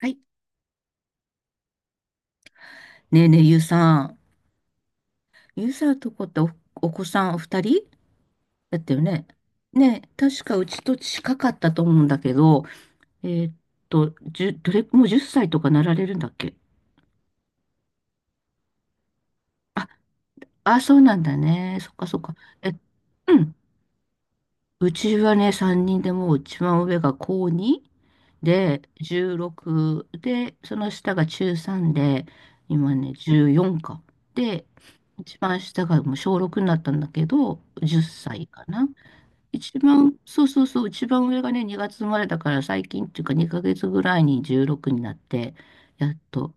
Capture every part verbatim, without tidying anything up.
はいねえねえ、ゆうさん。ゆうさんとこってお、お子さんお二人だったよね。ねえ、確かうちと近かったと思うんだけど、えーっと、じゅ、どれ、もうじゅっさいとかなられるんだっけ？あ、そうなんだね。そっかそっか。え、うん。うちはね、さんにんでもう一番上が高にで、じゅうろくで、その下が中さんで、今ね、じゅうよんか。で、一番下がもう小ろくになったんだけど、じゅっさいかな。一番、そうそうそう、一番上がね、にがつ生まれだから最近っていうかにかげつぐらいにじゅうろくになって、やっと。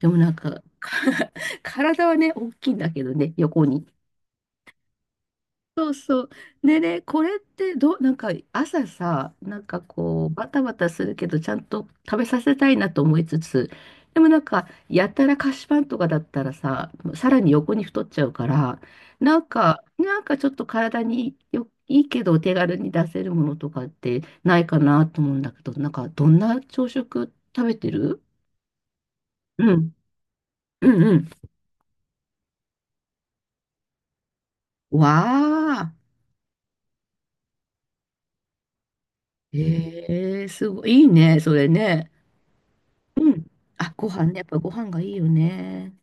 でもなんか、か 体はね、大きいんだけどね、横に。そうそう。でね、これってどう、なんか朝さ、なんかこう、バタバタするけど、ちゃんと食べさせたいなと思いつつ、でもなんか、やたら菓子パンとかだったらさ、さらに横に太っちゃうから、なんか、なんかちょっと体によ、いいけど、お手軽に出せるものとかってないかなと思うんだけど、なんか、どんな朝食食べてる？うん、うん、うん。わあ、ええすごい、いいね、それね。うん。あ、ご飯ね。やっぱご飯がいいよね。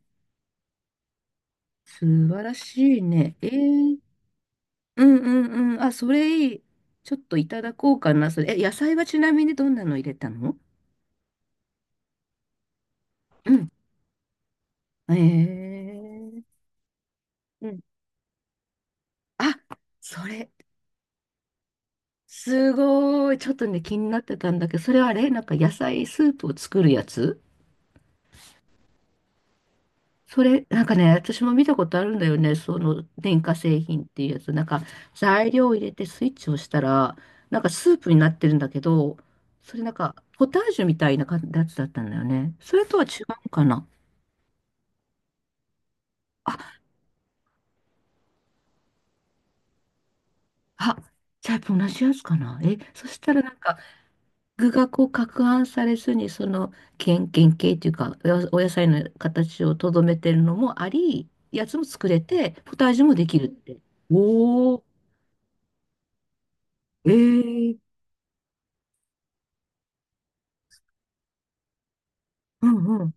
素晴らしいね。えー、うんうんうん。あ、それいい。ちょっといただこうかな。それ。え、野菜はちなみにどんなの入れたの？うん。えー、うん。あ、それ、すごい。ちょっとね、気になってたんだけど、それはあれなんか野菜スープを作るやつ？それ、なんかね、私も見たことあるんだよね。その電化製品っていうやつ。なんか材料を入れてスイッチを押したら、なんかスープになってるんだけど、それなんかポタージュみたいな感じのやつだったんだよね。それとは違うのかな？あ、あ、じゃあやっぱ同じやつかな？え、そしたらなんか具がこう攪拌されずに、その原原型っていうか、おお野菜の形をとどめてるのもあり、やつも作れて、ポタージュもできるって。おー、えー。うんうん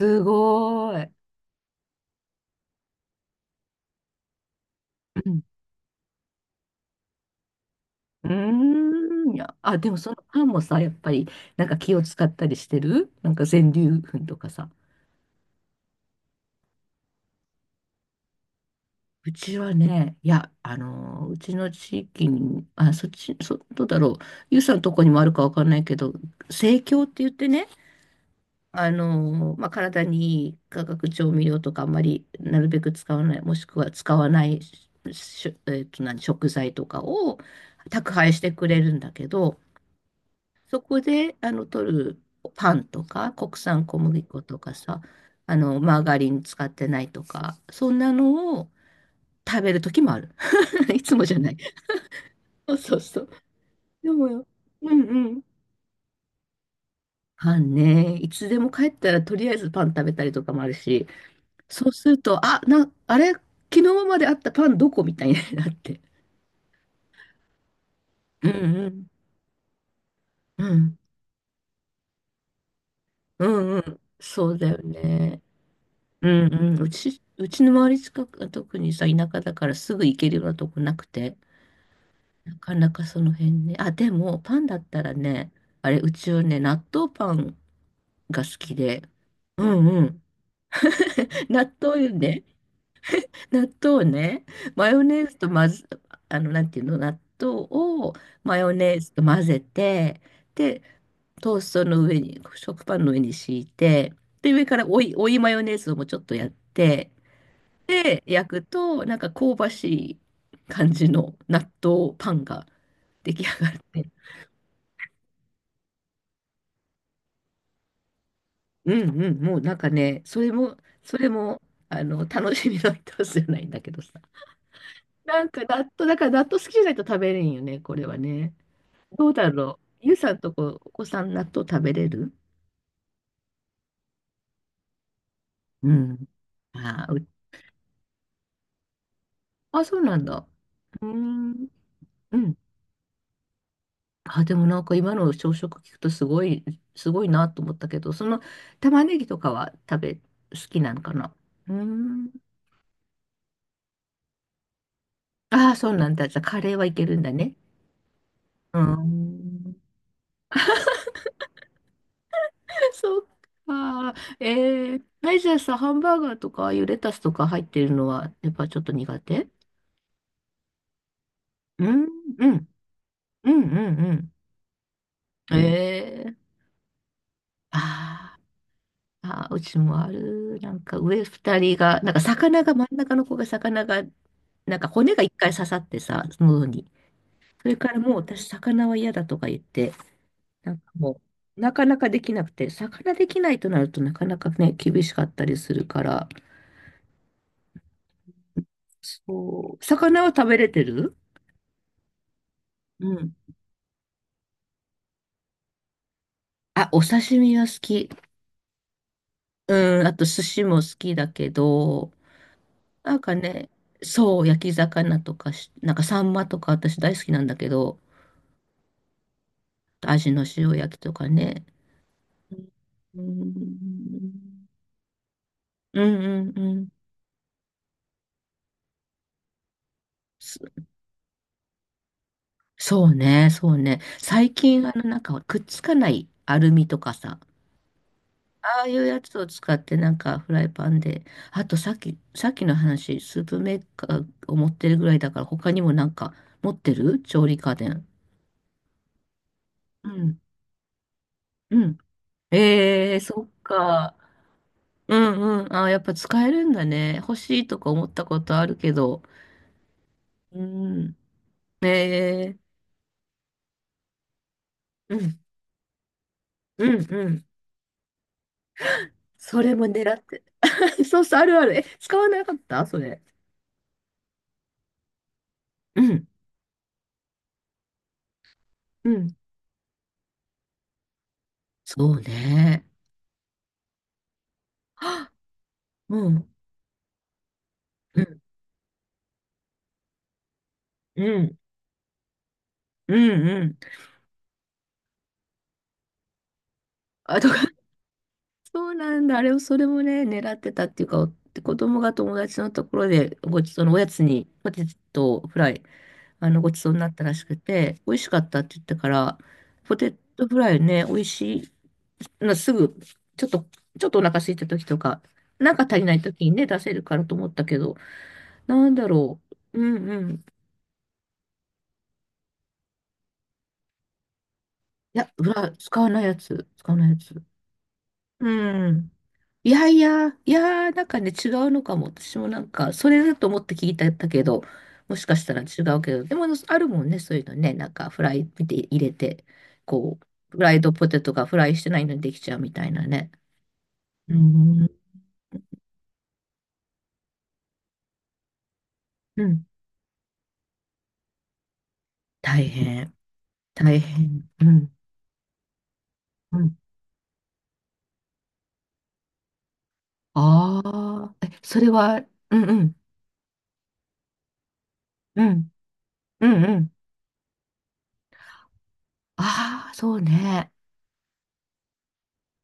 すごーい。うんうーん。いや、あ、でもそのパンもさ、やっぱり、なんか気を使ったりしてる？なんか全粒粉とかさ。うちはね、いや、あのーうちの地域に、あ、そっち、そ、どうだろう。ゆうさんのとこにもあるかわかんないけど、生協って言ってね、あのーまあ、体にいい化学調味料とかあんまりなるべく使わない、もしくは使わないし、しえっと、何、食材とかを宅配してくれるんだけど、そこで、あの、取るパンとか、国産小麦粉とかさ、あの、マーガリン使ってないとか、そんなのを食べる時もある。いつもじゃない。そうそうそう。でもよ、うんうん。パンね、いつでも帰ったらとりあえずパン食べたりとかもあるし、そうすると、あ、な、あれ、昨日まであったパンどこみたいになって。うんうん。うん。うんうん。そうだよね。うんうん、うち、うちの周り近く、特にさ、田舎だからすぐ行けるようなとこなくて、なかなかその辺ね。あ、でも、パンだったらね、あれ、うちはね、納豆パンが好きで、うんうん。納豆よね。納豆をね。マヨネーズとまず、あの、なんていうの、納豆をマヨネーズと混ぜて、で、トーストの上に、食パンの上に敷いて、で、上から追い、追いマヨネーズをもうちょっとやって、で、焼くと、なんか香ばしい感じの納豆パンが出来上がって。うんうん、もうなんかね、それも、それも、あの、楽しみの一つじゃないんだけどさ。なんか納豆、だから納豆好きじゃないと食べれんよね、これはね。どうだろう。ゆうさんとこ、お子さん納豆食べれる？うん。あー、うあ、そうなんだ。うーん。うん。あ、でもなんか今の朝食聞くとすごい、すごいなと思ったけど、その玉ねぎとかは食べ、好きなのかな？うーん。ああ、そうなんだ。じゃあカレーはいけるんだね。うーん。そっか。えー、はいじゃあさ、ハンバーガーとか、ああいうレタスとか入ってるのは、やっぱちょっと苦手？うん、うん、うん、うん、うん。えー、ああ。あ、うちもある。なんか上二人が、なんか魚が、真ん中の子が魚が、なんか骨が一回刺さってさ、喉に。それからもう私魚は嫌だとか言って、なんかもう、なかなかできなくて、魚できないとなるとなかなかね、厳しかったりするから、そう、魚は食べれてる？うん。あ、お刺身は好き。うん、あと寿司も好きだけど、なんかね、そう、焼き魚とかし、なんかサンマとか私大好きなんだけど、味の塩焼きとかね。うん。うんうんうん。そそうね、そうね。最近、あの、なんか、くっつかないアルミとかさ、ああいうやつを使って、なんか、フライパンで、あと、さっき、さっきの話、スープメーカーを持ってるぐらいだから、他にもなんか、持ってる調理家電。うん、うん。ええー、そっか。うんうん。あ、やっぱ使えるんだね。欲しいとか思ったことあるけど。うん。ええうん、うん、うん。それも狙って。そうそう、あるある。え、使わなかったそれ？うん、うん。そうね。はうん、うん、うん、うん、うん。あとか、そうなんだ。あれを、それもね、狙ってたっていうか、子供が友達のところで、ごちそうのおやつに、ポテトフライ、あの、ごちそうになったらしくて、美味しかったって言ったから、ポテトフライね、美味しい、なすぐ、ちょっと、ちょっとお腹空いた時とか、なんか足りない時にね、出せるからと思ったけど、なんだろう。うんうん。いや、うわ、使わないやつ、使わないやつ。うん。いやいや、いやー、なんかね、違うのかも。私もなんか、それだと思って聞いてたけど、もしかしたら違うけど、でも、あるもんね、そういうのね、なんか、フライ見て入れて、こう、フライドポテトがフライしてないのにできちゃうみたいなね。うん、うん、大変、大変。うん、うんああ、え、それは、うんうん、うん、うんうん。ああ、そうね。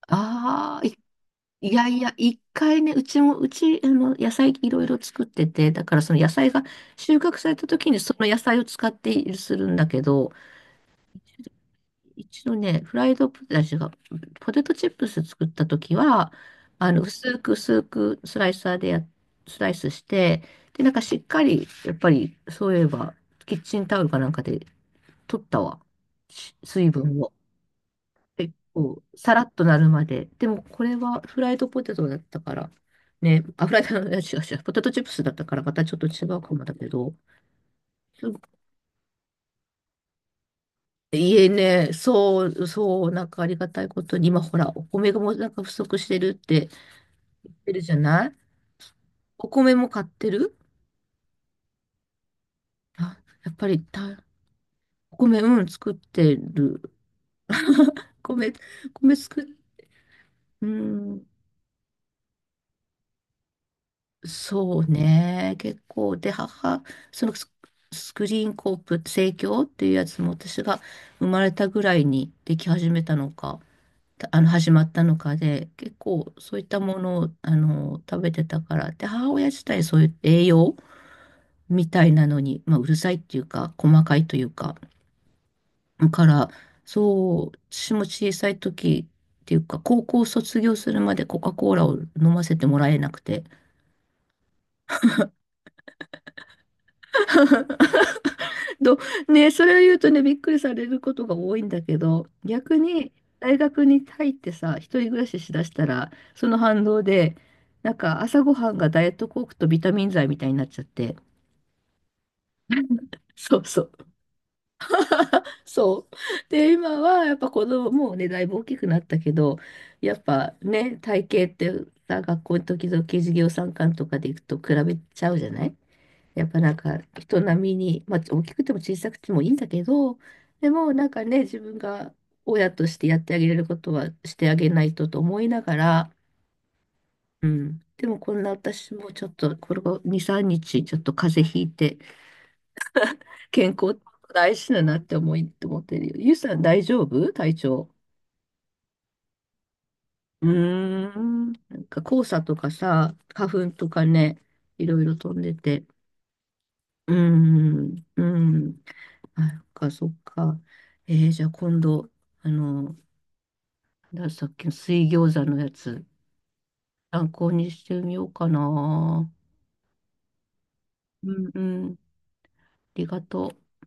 ああ、い、いやいや、一回ね、うちも、うち、あの、野菜いろいろ作ってて、だからその野菜が収穫された時にその野菜を使ってするんだけど、一度ね、フライドポテチが、ポテトチップス作った時は、あの、薄く薄くスライサーでや、スライスして、で、なんかしっかり、やっぱり、そういえば、キッチンタオルかなんかで取ったわ。し水分を。結構、さらっとなるまで。でも、これはフライドポテトだったから、ね、あ、フライド、違う違う、ポテトチップスだったからまたちょっと違うかもだけど、すごいえね、そう、そう、なんかありがたいことに、今ほら、お米がもうなんか不足してるって言ってるじゃない？お米も買ってる？あ、やっぱりた、お米、うん、作ってる。米、米作る。うん、そうね。結構、で、母、そのス、スクリーンコープ、生協っていうやつも私が生まれたぐらいにでき始めたのか、たあの、始まったのかで、結構そういったものを、あの、食べてたから、で、母親自体そういう栄養みたいなのに、まあ、うるさいっていうか、細かいというか、だから、そう、私も小さい時っていうか、高校卒業するまでコカ・コーラを飲ませてもらえなくて、ど、ね、それを言うとね、びっくりされることが多いんだけど、逆に大学に入ってさ、一人暮らししだしたら、その反動で、なんか朝ごはんがダイエットコークとビタミン剤みたいになっちゃって、そうそう。そう。で、今はやっぱ子供もうね、だいぶ大きくなったけど、やっぱね、体型ってさ、学校の時々授業参観とかで行くと比べちゃうじゃない？やっぱなんか人並みに、まあ、大きくても小さくてもいいんだけど、でもなんかね、自分が親としてやってあげれることはしてあげないとと思いながら、うん。でもこんな私もちょっと、これがに、みっかちょっと風邪ひいて、健康大事だなって思い、思ってるよ。ゆうさん大丈夫？体調。うーん。なんか黄砂とかさ、花粉とかね、いろいろ飛んでて。うーん。うん。あ、そっか、そっか。えーじゃあ今度、あの、なんださっきの水餃子のやつ、参考にしてみようかな。うんうん。ありがとう。